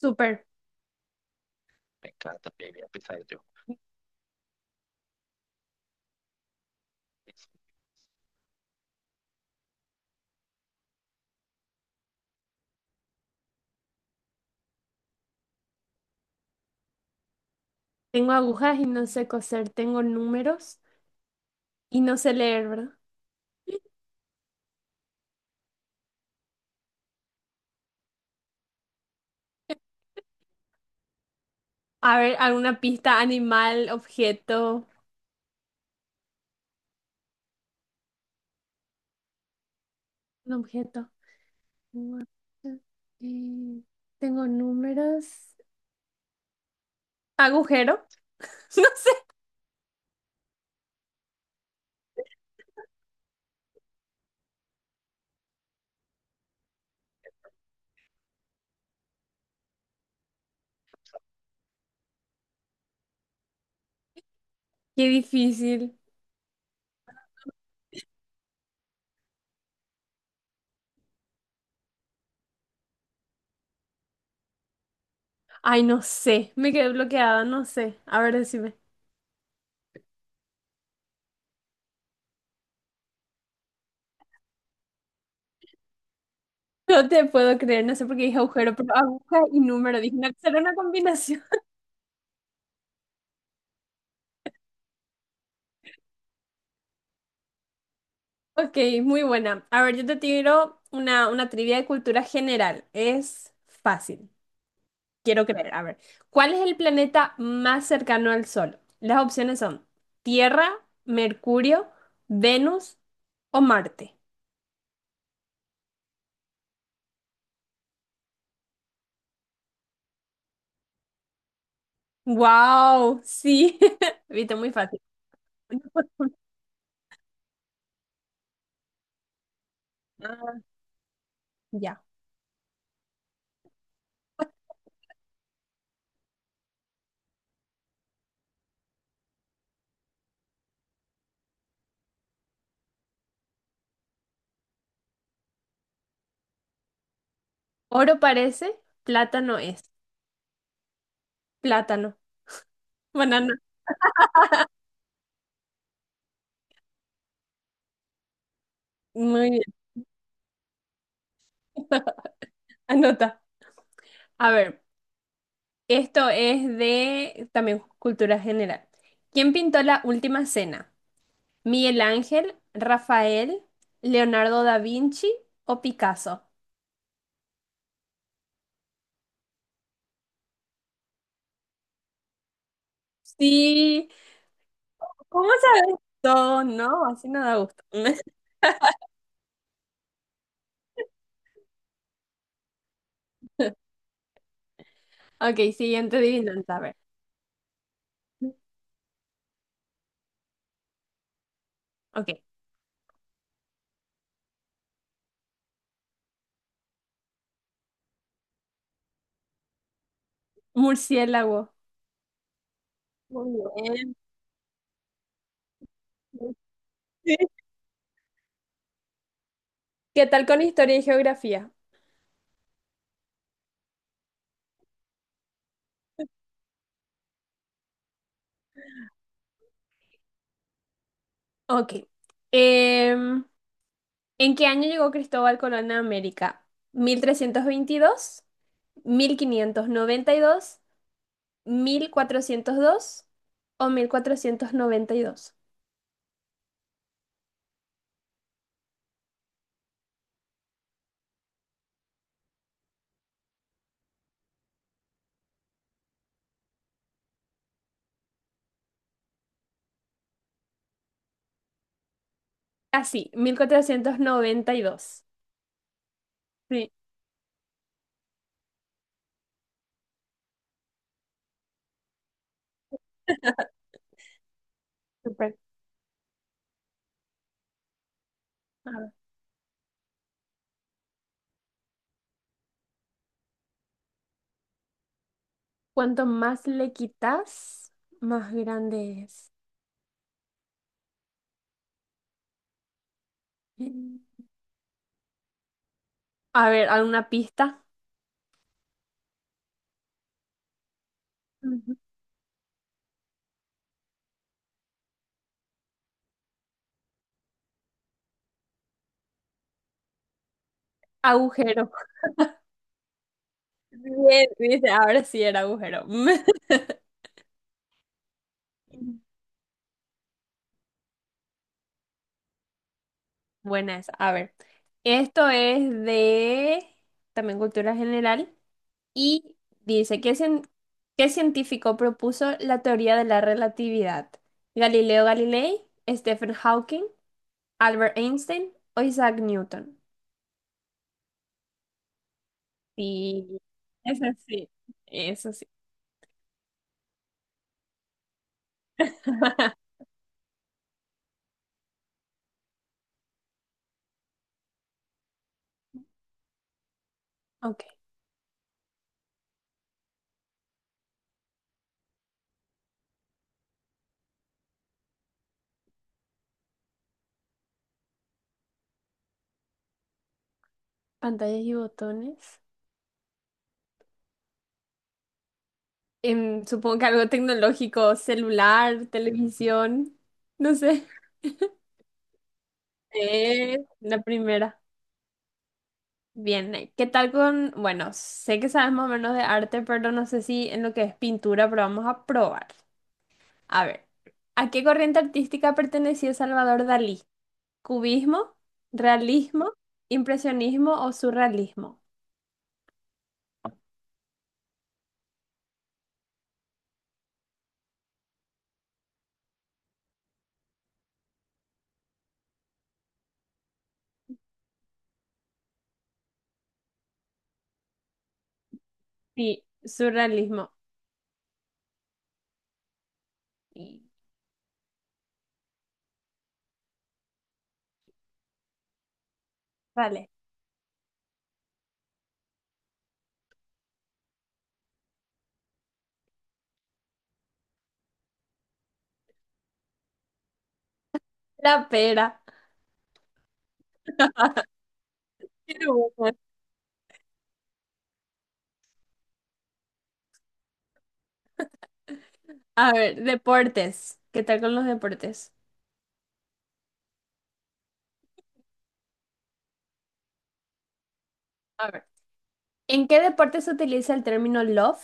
Súper. Tengo agujas y no sé coser, tengo números y no sé leer, ¿verdad? A ver, alguna pista, animal, objeto. Un objeto. Un objeto. Eh, Tengo números. Agujero. No sé. Qué difícil. Ay, no sé. Me quedé bloqueada, no sé. A ver, decime. No te puedo creer, no sé por qué dije agujero, pero aguja y número. Dije, no, será una combinación. Ok, muy buena. A ver, yo te tiro una trivia de cultura general. Es fácil, quiero creer. A ver, ¿cuál es el planeta más cercano al Sol? Las opciones son Tierra, Mercurio, Venus o Marte. ¡Wow! Sí, viste, muy fácil. Ah, ya. Oro parece, plátano es. Plátano. Banana. Muy bien, anota. A ver. Esto es de también cultura general. ¿Quién pintó la última cena? ¿Miguel Ángel, Rafael, Leonardo da Vinci o Picasso? Sí, ¿cómo sabes todo? No, así no da gusto. Ok, siguiente adivinanza, a ver. Ok, murciélago. Muy bien. Sí. ¿Qué tal con historia y geografía? Ok. Em, ¿En qué año llegó Cristóbal Colón a América? ¿1322? Mil quinientos noventa y dos, mil cuatrocientos dos o mil cuatrocientos noventa y dos. Así, 1492. Sí. Súper. A ver, cuanto más le quitas, más grande es. Mm. A ver, ¿alguna pista? Ujú. Agujero. Bien, dice, ahora sí era agujero. Mm. Buena esa. A ver, esto es de también cultura general. Y dice, ¿qué científico propuso la teoría de la relatividad? ¿Galileo Galilei, Stephen Hawking, Albert Einstein o Isaac Newton? Sí, eso sí, eso sí. Ok, pantallas y botones. Supongo que algo tecnológico, celular, televisión, no sé. La primera. Bien, ¿qué tal con, bueno, sé que sabes más o menos de arte, pero no sé si en lo que es pintura, pero vamos a probar. A ver, ¿a qué corriente artística pertenecía Salvador Dalí? ¿Cubismo, realismo, impresionismo o surrealismo? Sí, surrealismo. Y- Vale. La pera. Pero bueno. A ver, deportes. ¿Qué tal con los deportes? ¿En qué deporte se utiliza el término love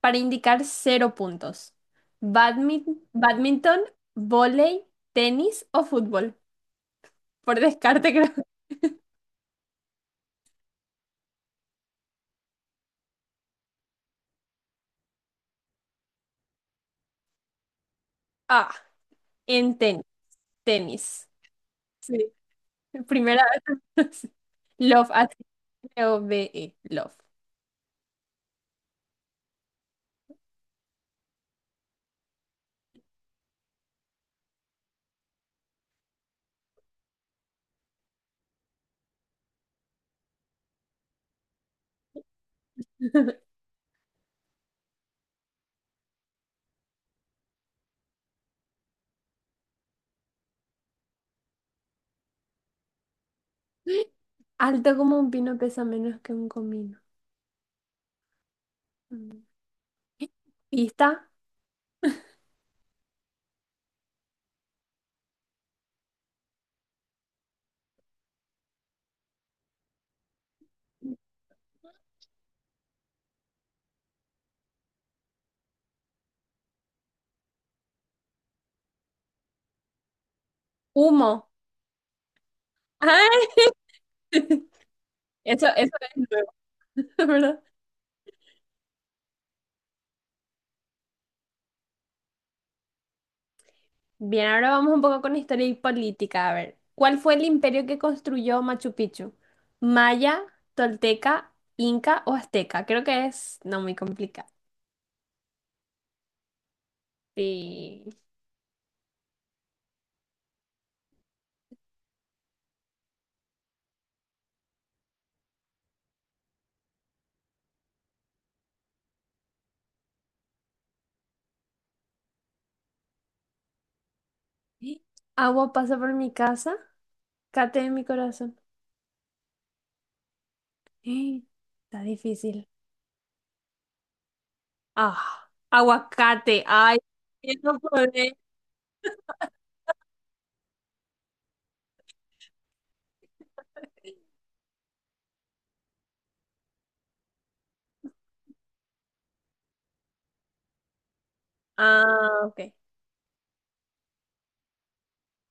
para indicar cero puntos? ¿Badminton, vóley, tenis o fútbol? Por descarte creo. Ah, en tenis. Tenis. Sí. Primera vez. Love, HOVE. Love. Alto como un pino, pesa menos que un comino. Mm. Pista. Humo. Ay, eso es nuevo, ¿verdad? Bien, ahora vamos un poco con historia y política. A ver, ¿cuál fue el imperio que construyó Machu Picchu? ¿Maya, Tolteca, Inca o Azteca? Creo que es no muy complicado. Sí. Agua pasa por mi casa, cate de mi corazón. Está difícil. Ah, aguacate. Ay, no podré. Ah, ok.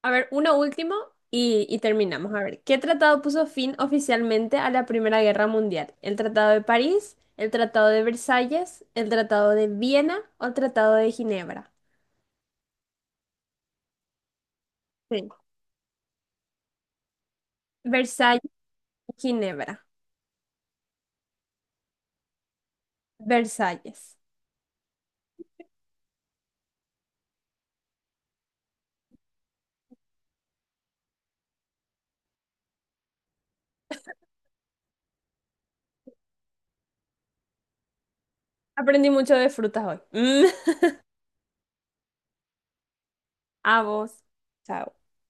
A ver, uno último y terminamos. A ver, ¿qué tratado puso fin oficialmente a la Primera Guerra Mundial? ¿El Tratado de París, el Tratado de Versalles, el Tratado de Viena o el Tratado de Ginebra? Sí. Versalles, Ginebra, Versalles. Aprendí mucho de frutas hoy. Mm. A vos. Chao.